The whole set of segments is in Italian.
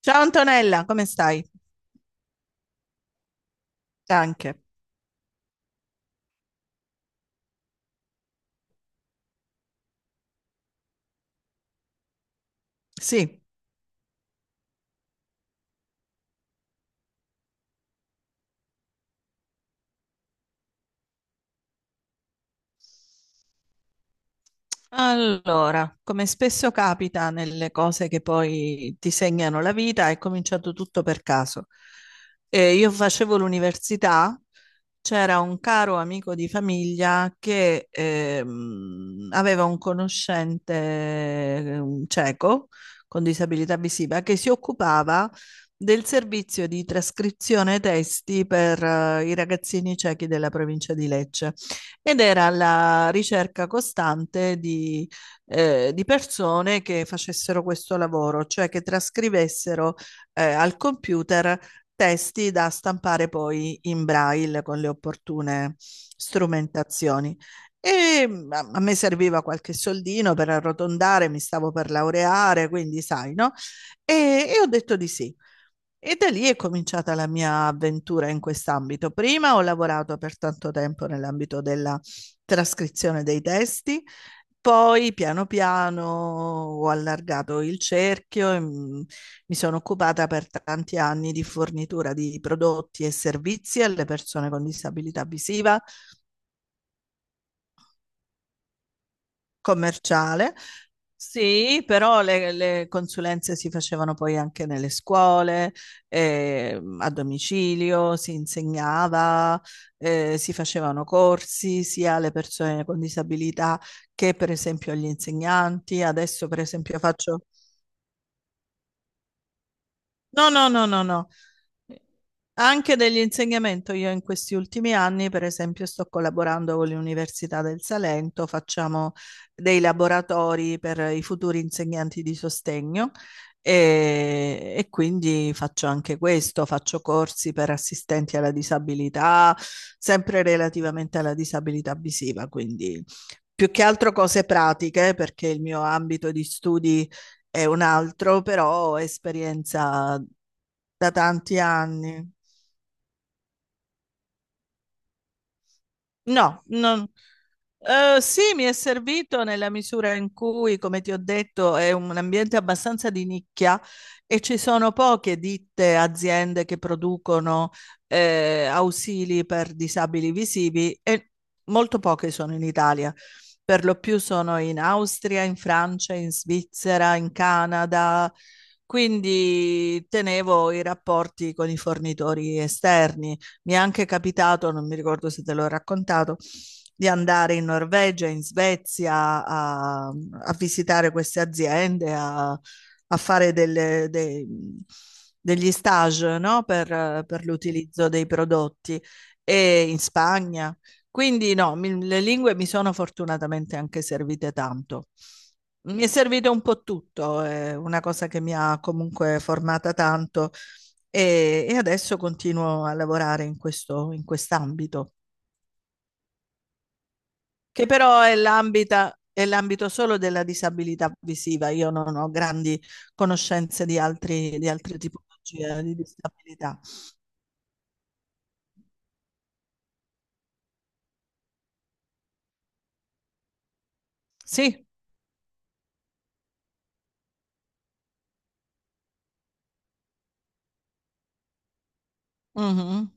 Ciao Antonella, come stai? Anche. Sì. Allora, come spesso capita nelle cose che poi ti segnano la vita, è cominciato tutto per caso. Io facevo l'università, c'era un caro amico di famiglia che aveva un conoscente un cieco con disabilità visiva che si occupava del servizio di trascrizione testi per i ragazzini ciechi della provincia di Lecce. Ed era la ricerca costante di persone che facessero questo lavoro, cioè che trascrivessero al computer testi da stampare poi in braille con le opportune strumentazioni. E a me serviva qualche soldino per arrotondare, mi stavo per laureare, quindi sai, no? E, e ho detto di sì. E da lì è cominciata la mia avventura in quest'ambito. Prima ho lavorato per tanto tempo nell'ambito della trascrizione dei testi, poi piano piano ho allargato il cerchio e mi sono occupata per tanti anni di fornitura di prodotti e servizi alle persone con disabilità visiva, commerciale. Sì, però le consulenze si facevano poi anche nelle scuole, a domicilio, si insegnava, si facevano corsi sia alle persone con disabilità che per esempio agli insegnanti. Adesso per esempio faccio... No, no, no, no, no. Anche dell'insegnamento, io in questi ultimi anni, per esempio, sto collaborando con l'Università del Salento, facciamo dei laboratori per i futuri insegnanti di sostegno e quindi faccio anche questo, faccio corsi per assistenti alla disabilità, sempre relativamente alla disabilità visiva, quindi più che altro cose pratiche, perché il mio ambito di studi è un altro, però esperienza da tanti anni. No, sì, mi è servito nella misura in cui, come ti ho detto, è un ambiente abbastanza di nicchia e ci sono poche ditte, aziende che producono ausili per disabili visivi e molto poche sono in Italia. Per lo più sono in Austria, in Francia, in Svizzera, in Canada. Quindi tenevo i rapporti con i fornitori esterni. Mi è anche capitato, non mi ricordo se te l'ho raccontato, di andare in Norvegia, in Svezia a visitare queste aziende, a fare degli stage, no? Per l'utilizzo dei prodotti e in Spagna. Quindi no, le lingue mi sono fortunatamente anche servite tanto. Mi è servito un po' tutto, è una cosa che mi ha comunque formata tanto e adesso continuo a lavorare in quest'ambito, che però è è l'ambito solo della disabilità visiva. Io non ho grandi conoscenze di altre tipologie di disabilità. Sì, mhm,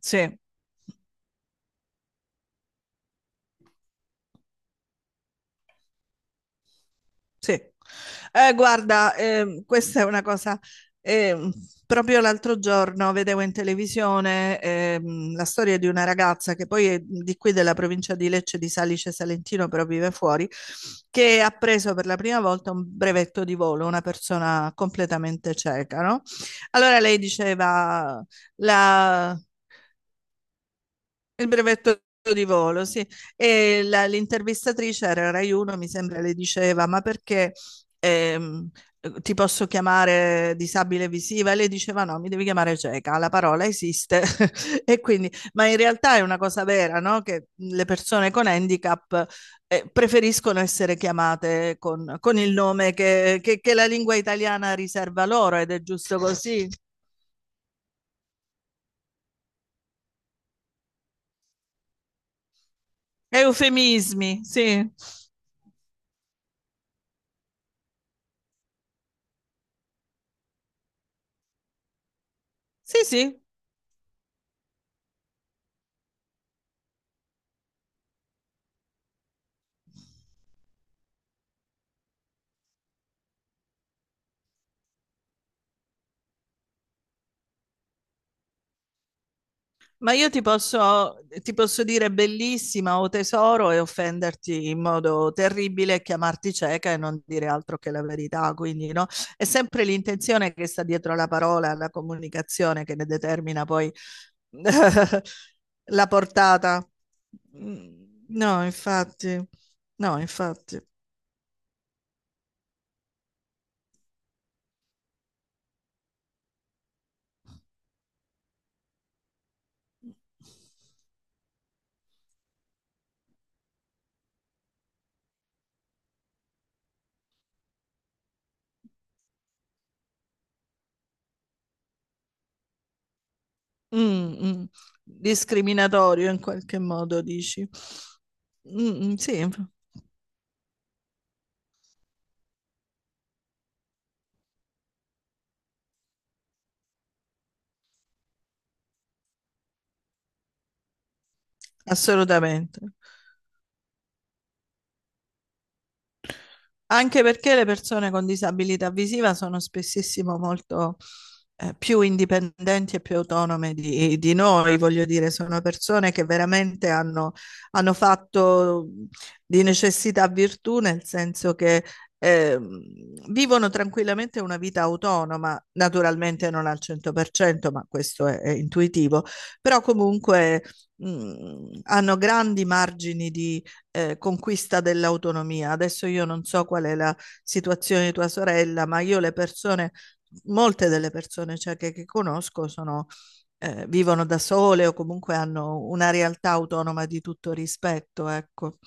sì. Sì. Guarda, questa è una cosa. ehm, proprio l'altro giorno vedevo in televisione la storia di una ragazza che poi è di qui della provincia di Lecce, di Salice Salentino, però vive fuori, che ha preso per la prima volta un brevetto di volo, una persona completamente cieca, no? Allora lei diceva la, il brevetto di volo, sì. E l'intervistatrice era Rai 1, mi sembra, le diceva, ma perché ehm, ti posso chiamare disabile visiva? E lei diceva no, mi devi chiamare cieca, la parola esiste. E quindi, ma in realtà è una cosa vera, no? Che le persone con handicap preferiscono essere chiamate con il nome che la lingua italiana riserva loro, ed è giusto così. Eufemismi, sì. Sì, sì. Ma io ti posso dire bellissima o tesoro e offenderti in modo terribile, chiamarti cieca e non dire altro che la verità. Quindi, no? È sempre l'intenzione che sta dietro la parola, la comunicazione, che ne determina poi la portata. Mm. No, infatti, no, infatti. Mm, mm. Discriminatorio in qualche modo, dici? Mm, mm, sì, assolutamente. Anche perché le persone con disabilità visiva sono spessissimo molto più indipendenti e più autonome di noi, voglio dire, sono persone che veramente hanno fatto di necessità virtù, nel senso che eh, vivono tranquillamente una vita autonoma, naturalmente non al 100%, ma questo è intuitivo, però comunque hanno grandi margini di conquista dell'autonomia. Adesso io non so qual è la situazione di tua sorella, ma io le persone, molte delle persone, cioè, che conosco vivono da sole, o comunque hanno una realtà autonoma di tutto rispetto, ecco.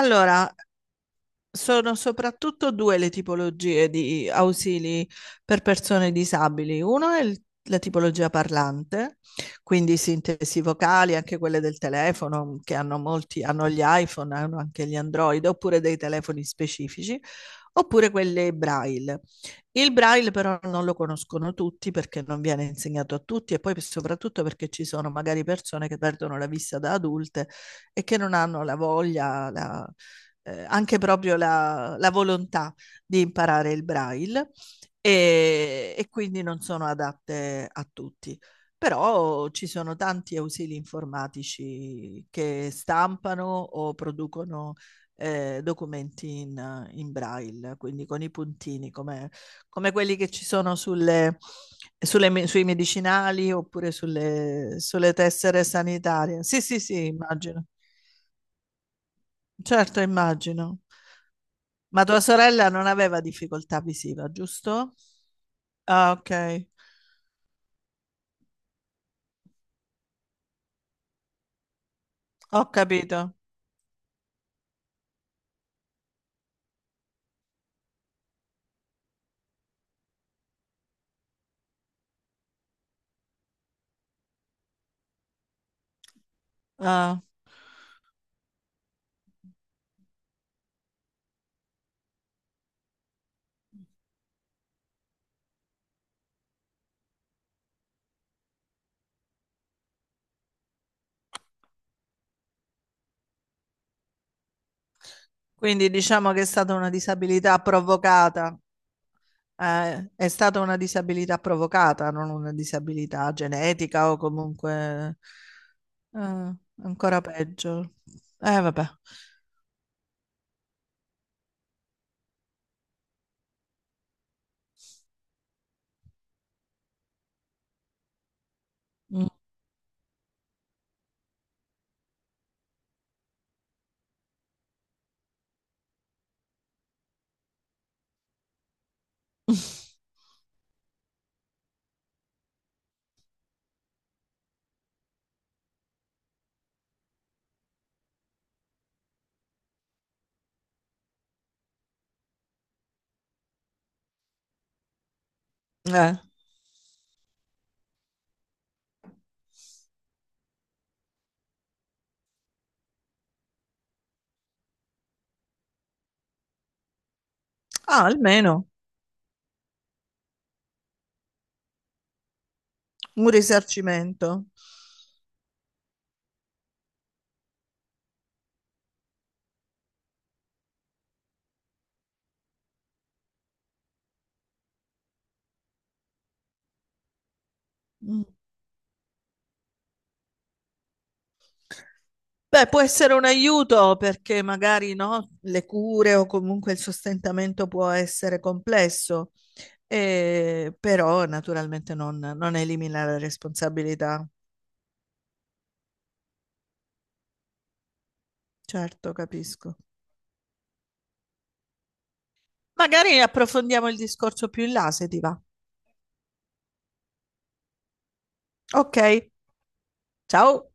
Allora, sono soprattutto due le tipologie di ausili per persone disabili. Uno è la tipologia parlante, quindi sintesi vocali, anche quelle del telefono, che hanno gli iPhone, hanno anche gli Android, oppure dei telefoni specifici, oppure quelle Braille. Il Braille però non lo conoscono tutti, perché non viene insegnato a tutti e poi soprattutto perché ci sono magari persone che perdono la vista da adulte e che non hanno la voglia, la anche proprio la volontà di imparare il braille, e quindi non sono adatte a tutti. Però ci sono tanti ausili informatici che stampano o producono documenti in braille, quindi con i puntini, come quelli che ci sono sui medicinali, oppure sulle tessere sanitarie. Sì, sì, sì, immagino. Certo, immagino. Ma tua sorella non aveva difficoltà visiva, giusto? Ah, ok, ho capito. Ah, quindi diciamo che è stata una disabilità provocata. È stata una disabilità provocata, non una disabilità genetica o comunque eh, ancora peggio. Vabbè. Mm. Eh, Ah, almeno un risarcimento. Mm. Beh, può essere un aiuto, perché magari no, le cure o comunque il sostentamento può essere complesso, però naturalmente non elimina la responsabilità. Certo, capisco. Magari approfondiamo il discorso più in là, se ti va. Ok, ciao.